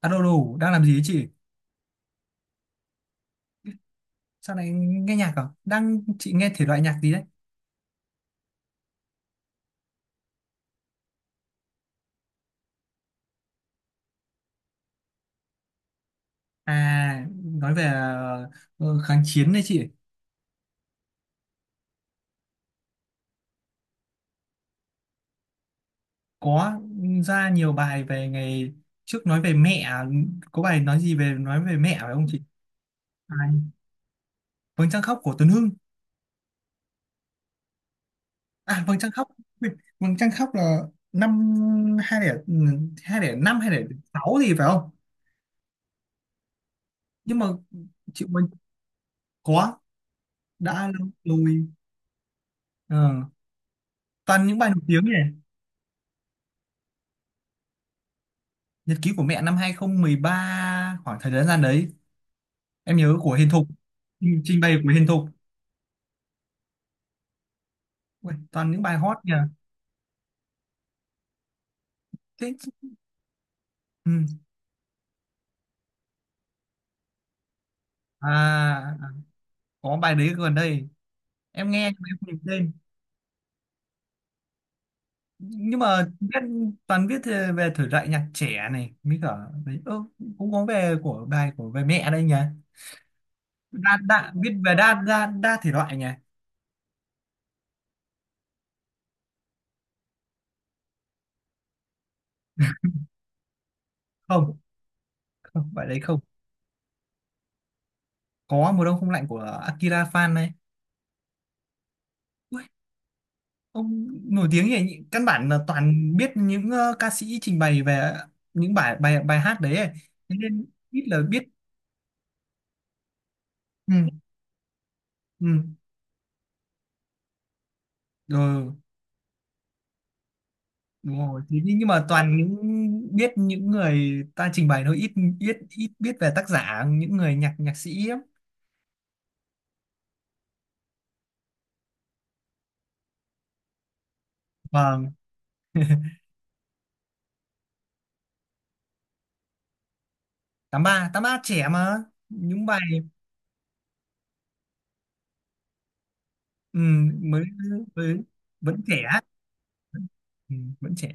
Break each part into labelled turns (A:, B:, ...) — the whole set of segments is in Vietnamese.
A: Alo đủ đang làm gì ấy chị? Sao lại nghe nhạc à? Chị nghe thể loại nhạc gì đấy? À, nói về kháng chiến đấy chị. Có ra nhiều bài về ngày trước nói về mẹ, à, có bài nói về mẹ phải không chị? À, Vầng trăng khóc của Tuấn Hưng. À, Vầng trăng khóc. Ui, Vầng trăng khóc là năm hai 2005, 2006 gì phải không? Nhưng mà chị mình có đã lâu rồi. Ờ, toàn những bài nổi tiếng nhỉ? Nhật ký của mẹ năm 2013, khoảng thời gian đấy em nhớ của Hiền Thục, trình trình bày của Hiền Thục. Ui, toàn những bài hot nhỉ. thế chứ- ừ. À, à, có bài đấy gần đây em nghe nhưng mà em không nhớ tên. Nhưng mà toàn viết về về thể loại nhạc trẻ này mới cả đấy. Ơ, cũng có về của bài, của về mẹ đây nhỉ? Đa đa Viết về đa đa đa thể loại nhỉ? Không, không, bài đấy không. Có mùa đông không lạnh của Akira Fan này. Ông nổi tiếng như vậy, căn bản là toàn biết những ca sĩ trình bày về những bài bài bài hát đấy ấy. Thế nên ít là biết. Ừ, ừ, rồi, đúng rồi, thế nhưng mà toàn những biết những người ta trình bày thôi, ít biết, ít biết về tác giả, những người nhạc nhạc sĩ ấy. Vâng, 83, 83 trẻ mà. Những bài, ừ, mới mới vẫn trẻ. Ừ, vẫn trẻ.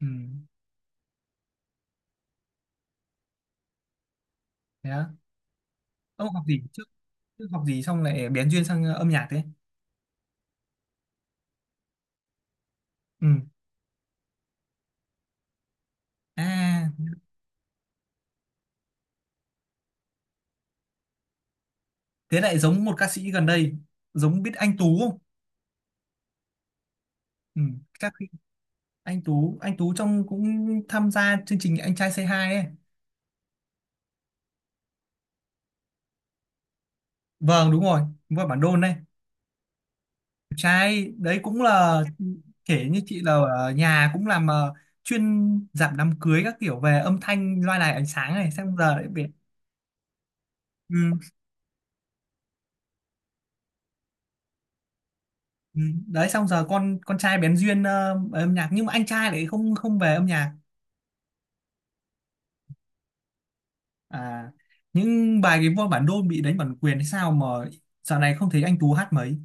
A: Ừ. Thế á. Ông học gì trước? Trước học gì xong lại bén duyên sang âm nhạc thế? Ừ. À, thế lại giống một ca sĩ gần đây, giống, biết anh Tú không? Ừ, các khi- anh Tú trong cũng tham gia chương trình Anh Trai Say Hi ấy. Vâng, đúng rồi, đúng rồi, bản đôn này. Trai đấy cũng là, kể như chị là ở nhà cũng làm chuyên giảm đám cưới các kiểu, về âm thanh loa đài ánh sáng này, xong giờ lại bị. Ừ, ừ. Đấy, xong giờ con trai bén duyên về âm nhạc, nhưng mà anh trai lại không không về âm nhạc. À, những bài, cái voi bản đôn bị đánh bản quyền hay sao mà dạo này không thấy anh Tú hát mấy.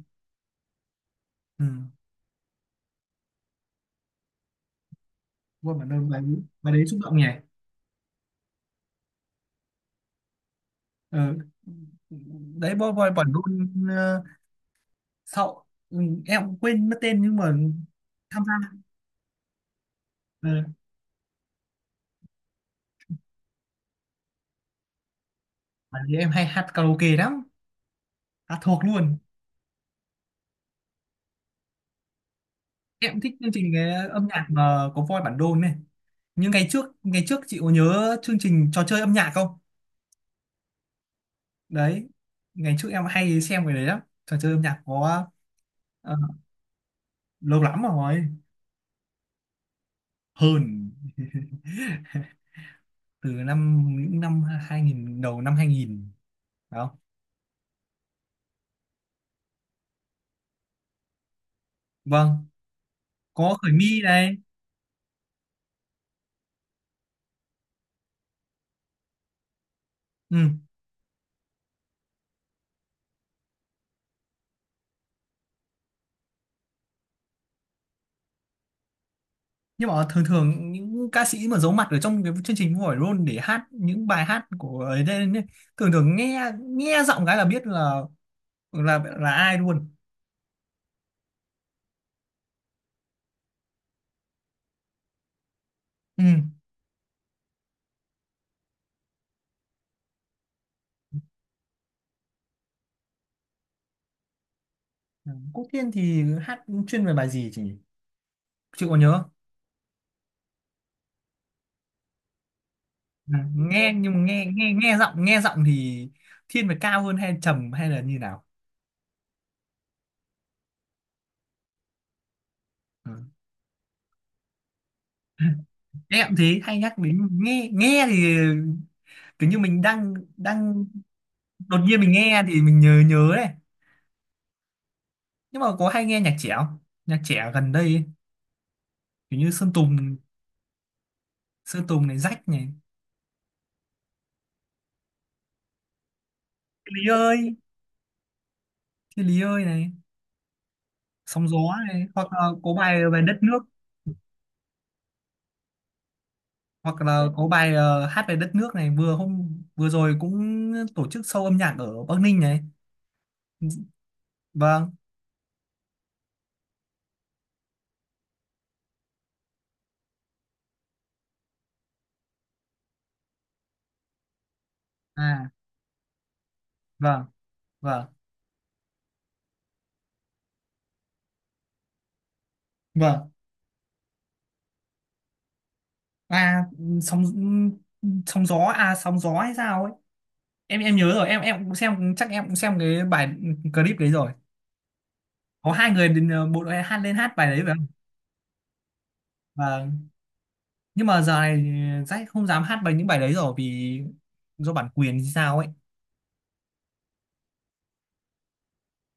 A: Ừ. Wow, bạn ơi, bài bài đấy xúc động nhỉ. Ờ. Đấy, boy boy bọn đun sau. Ừ, em cũng quên mất tên nhưng mà tham gia ờ, bản thì em hay hát karaoke lắm, hát thuộc luôn. Em cũng thích chương trình cái âm nhạc mà có voi bản đôn này, nhưng ngày trước, ngày trước chị có nhớ chương trình trò chơi âm nhạc không? Đấy, ngày trước em hay xem cái đấy lắm, trò chơi âm nhạc có. ờ, Lâu lắm rồi. Hơn. Từ năm những năm 2000, đầu năm 2000 đó. Vâng, có Khởi My này. Ừ. Nhưng mà thường thường những ca sĩ mà giấu mặt ở trong cái chương trình Vua Hỏi Rôn để hát những bài hát của ấy đây, thường thường nghe, giọng cái là biết là, là ai luôn. Ừ. Quốc Thiên thì hát chuyên về bài gì chị có nhớ không? Ừ. Nghe nhưng mà nghe nghe nghe giọng, nghe giọng thì thiên về cao hơn hay trầm hay là như nào? Ừ. Em thế hay nhắc đến, nghe nghe thì cứ như mình đang đang đột nhiên mình nghe thì mình nhớ nhớ này. Nhưng mà có hay nghe nhạc trẻ không? Nhạc trẻ gần đây ấy, kiểu như Sơn Tùng, Sơn Tùng này, Rách này, Thiên Lý ơi, Thiên Lý ơi này, Sóng gió này, hoặc là có bài về đất nước, hoặc là có bài hát về đất nước này, hôm vừa rồi cũng tổ chức show âm nhạc ở Bắc Ninh này. Vâng. À, vâng, vâng, vâng. À, sóng sóng gió, à, sóng gió hay sao ấy? Em nhớ rồi, em cũng xem, chắc em cũng xem cái bài clip đấy rồi, có hai người đến bộ đội, hát bài đấy phải không? Và nhưng mà giờ này Jack không dám hát bài, những bài đấy rồi, vì do bản quyền hay sao ấy,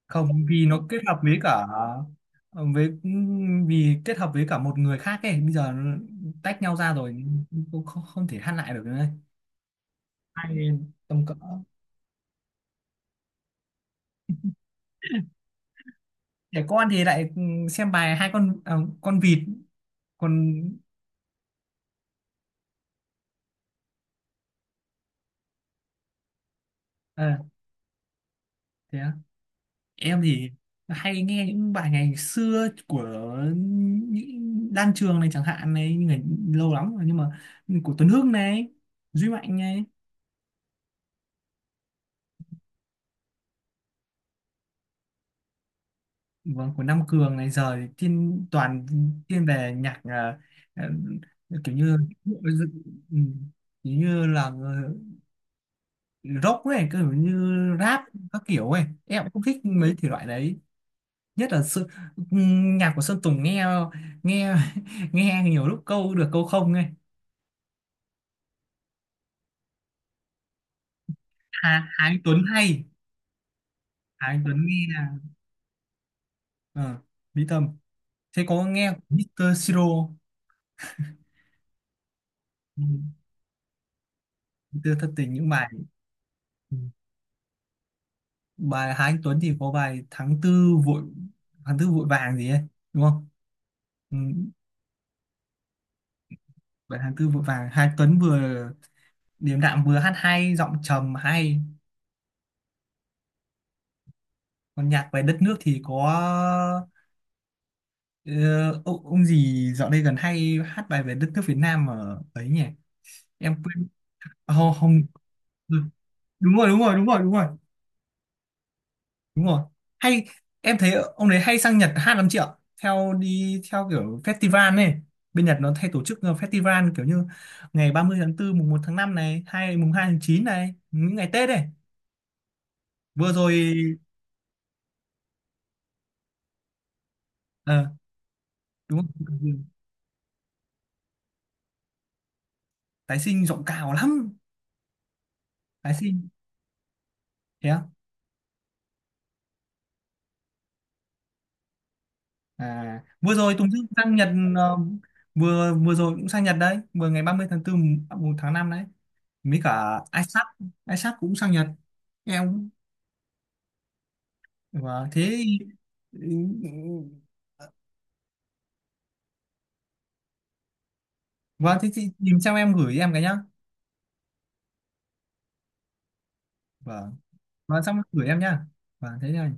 A: không, vì nó kết hợp với cả với vì kết hợp với cả một người khác ấy, bây giờ nó tách nhau ra rồi, không, không, không thể hát lại được nữa ấy. Hai tầm cỡ, trẻ con thì lại xem bài hai con, à, con vịt còn ờ, thế á. Em thì hay nghe những bài ngày xưa của những Đan Trường này chẳng hạn này, nhưng mà lâu lắm rồi, nhưng mà của Tuấn Hưng này, Duy Mạnh này. Vâng, của Nam Cường này, giờ thì thiên về nhạc, à, kiểu như, ừ, kiểu như là rock ấy, kiểu như rap các kiểu ấy, em cũng không thích mấy thể loại đấy. Nhất là nhạc của Sơn Tùng nghe, nghe nghe nhiều lúc câu được câu không ấy. Hà, Hà Anh Tuấn hay, Hà Anh Tuấn nghe là ờ, Mỹ Tâm. Thế có nghe của Mr. Siro không? Ừ, Mr. Thất Tình những bài. Ừ. Bài Hà Anh Tuấn thì có bài tháng tư vội vàng gì ấy đúng không? Ừ. Bài tháng tư vội vàng Hà Anh Tuấn vừa điềm đạm vừa hát hay, giọng trầm hay. Còn nhạc về đất nước thì có ờ, ông gì dạo đây gần hay hát bài về đất nước Việt Nam ở ấy nhỉ, em quên. Ờ, không. Ừ, đúng rồi, đúng rồi, đúng rồi, đúng rồi, đúng rồi, hay. Em thấy ông đấy hay sang Nhật hát lắm chị ạ, đi theo kiểu festival này, bên Nhật nó hay tổ chức festival kiểu như ngày 30/4, 1/5 này, hay 2/9 này, những ngày Tết này, vừa rồi. Ờ, đúng không? Tái sinh giọng cao lắm. Tái sinh. Thế á? À, vừa rồi Tùng Dương sang Nhật. ờ, vừa vừa rồi cũng sang Nhật đấy, vừa ngày 30/4, 1/5 đấy, mấy cả Isaac, Isaac cũng sang Nhật em. Vâng, thế. Vâng, thế chị tìm xong em gửi em cái nhá. Vâng, vâng, xong gửi em nhá. Vâng, thế nhá.